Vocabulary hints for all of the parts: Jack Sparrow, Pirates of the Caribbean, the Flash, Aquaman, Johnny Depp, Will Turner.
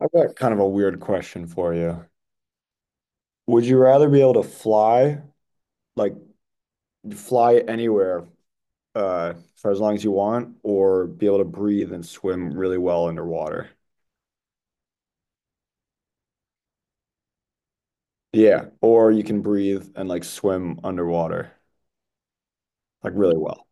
I've got kind of a weird question for you. Would you rather be able to fly, like fly anywhere, for as long as you want, or be able to breathe and swim really well underwater? Yeah, or you can breathe and like swim underwater, like really well.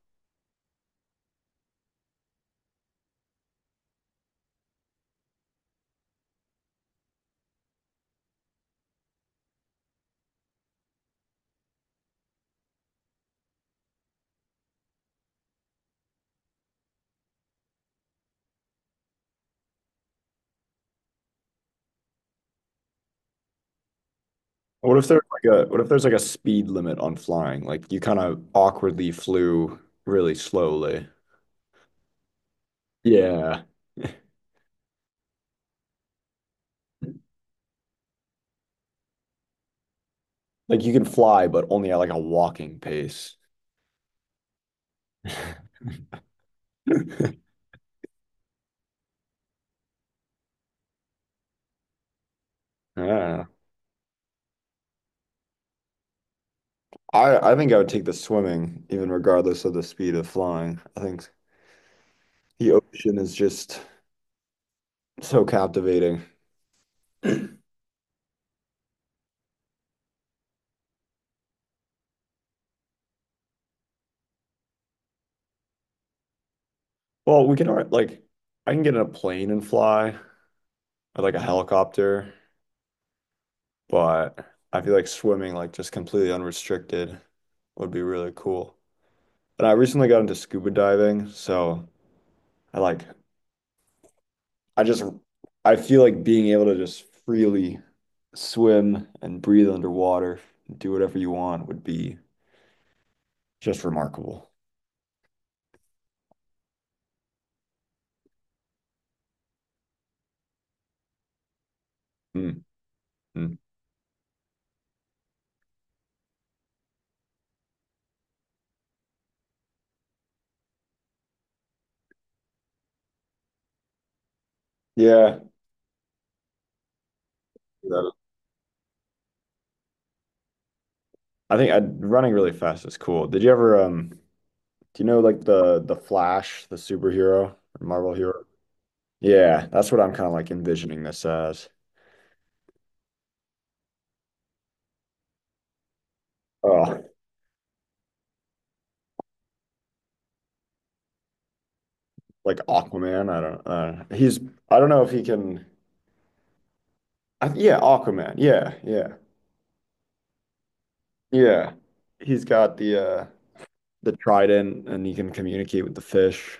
What if there's like a what if there's like a speed limit on flying? Like you kind of awkwardly flew really slowly. Yeah. Like you can fly, but only at like a walking pace. I don't know. I think I would take the swimming, even regardless of the speed of flying. I think the ocean is just so captivating. Well, we can like I can get in a plane and fly, or like a helicopter, but I feel like swimming, like just completely unrestricted, would be really cool. And I recently got into scuba diving, so I like I just I feel like being able to just freely swim and breathe underwater, do whatever you want, would be just remarkable. Mm, mm. Yeah. That- I think I running really fast is cool. Did you ever do you know like the Flash, the superhero, Marvel hero? Yeah, that's what I'm kind of like envisioning this as. Oh, like Aquaman. I don't he's I don't know if he can I, yeah, Aquaman. Yeah, yeah. Yeah. He's got the trident and he can communicate with the fish.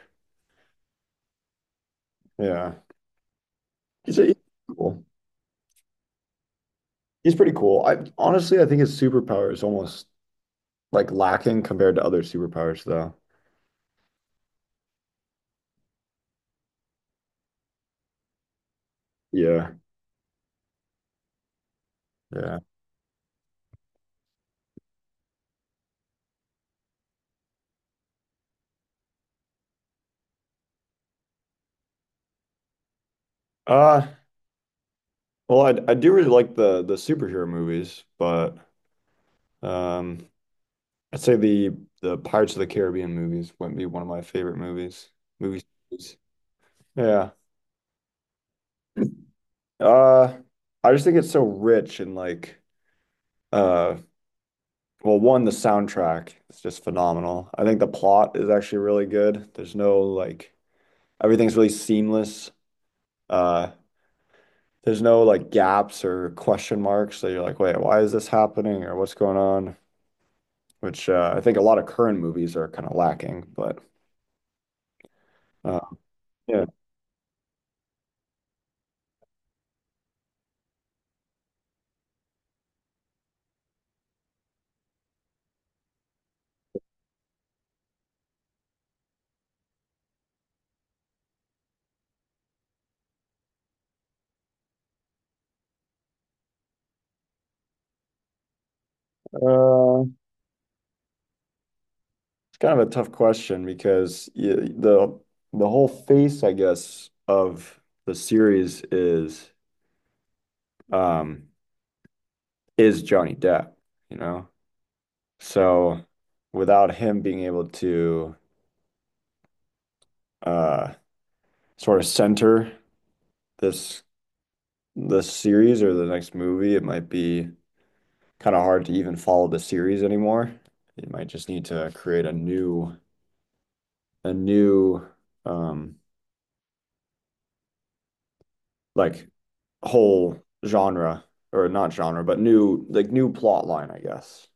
Yeah. He's cool. He's pretty cool. I honestly I think his superpower is almost like lacking compared to other superpowers though. Yeah, yeah. Uh, well, I do really like the superhero movies, but um, I'd say the Pirates of the Caribbean movies would be one of my favorite movies. Movies. Yeah. Uh, I just think it's so rich and like uh, well, one, the soundtrack is just phenomenal. I think the plot is actually really good. There's no like everything's really seamless. Uh, there's no like gaps or question marks that you're like, wait, why is this happening or what's going on? Which I think a lot of current movies are kind of lacking. But uh, yeah, uh, it's kind of a tough question because y the whole face, I guess, of the series um, is Johnny Depp, you know? So without him being able to uh, sort of center this this series or the next movie, it might be kind of hard to even follow the series anymore. You might just need to create a new um like whole genre, or not genre, but new like new plot line, I guess.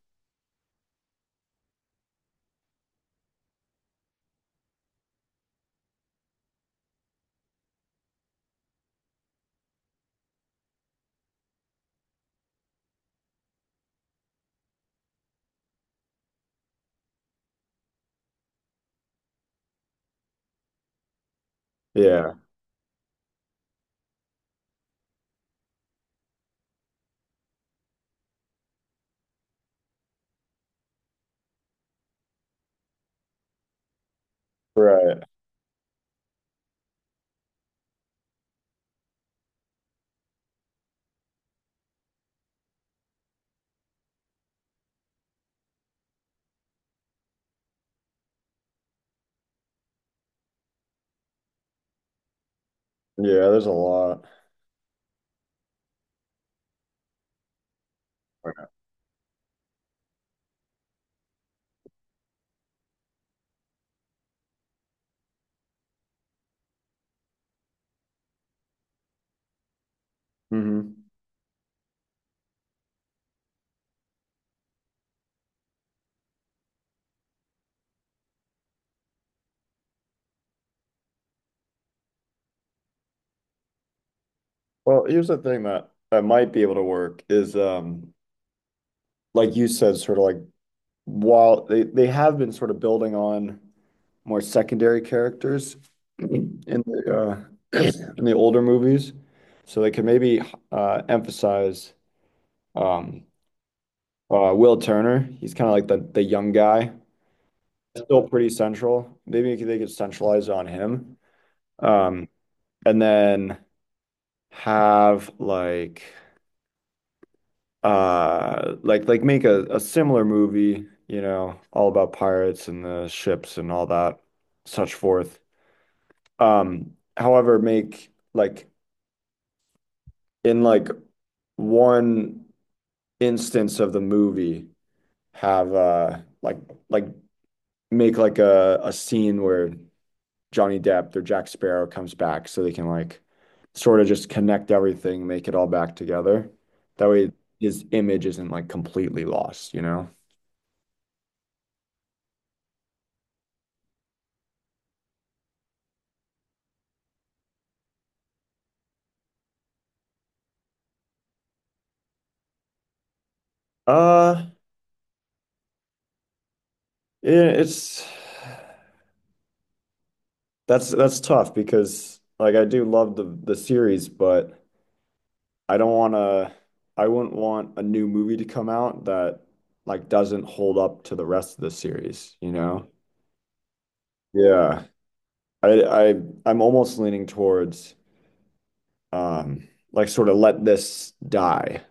Yeah, right. Yeah, there's a lot. Hmm Well, here's the thing that that might be able to work is like you said, sort of like while they have been sort of building on more secondary characters in the uh in the older movies, so they could maybe emphasize um Will Turner, he's kind of like the young guy, still pretty central. Maybe they could centralize on him. Um, and then have like like make a similar movie, you know, all about pirates and the ships and all that, such forth. However, make like in like one instance of the movie have like make like a scene where Johnny Depp or Jack Sparrow comes back so they can like sort of just connect everything, make it all back together. That way his image isn't like completely lost, you know? Uh, yeah, it's that's tough because like I do love the series, but I don't want to I wouldn't want a new movie to come out that like doesn't hold up to the rest of the series, you know? Yeah. I I I'm almost leaning towards like sort of let this die.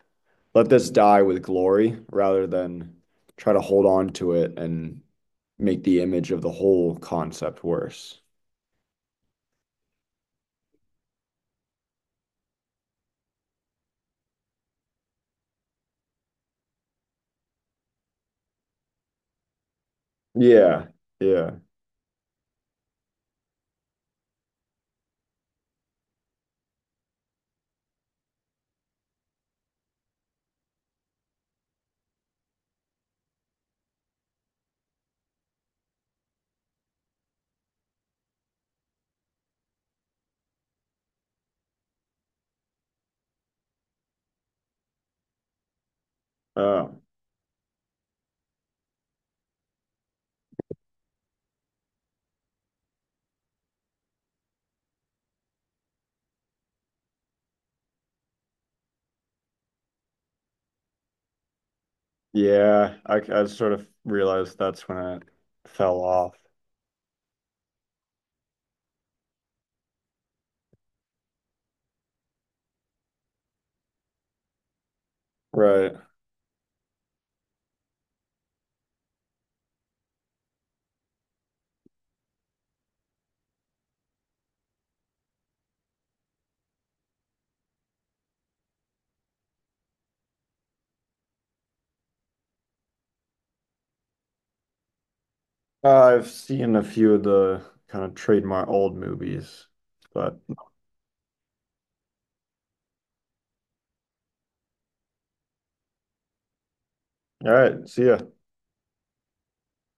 Let this die with glory rather than try to hold on to it and make the image of the whole concept worse. Yeah, yeah. Oh, yeah. I sort of realized that's when it fell off. Right. I've seen a few of the kind of trademark old movies, but all right, see ya.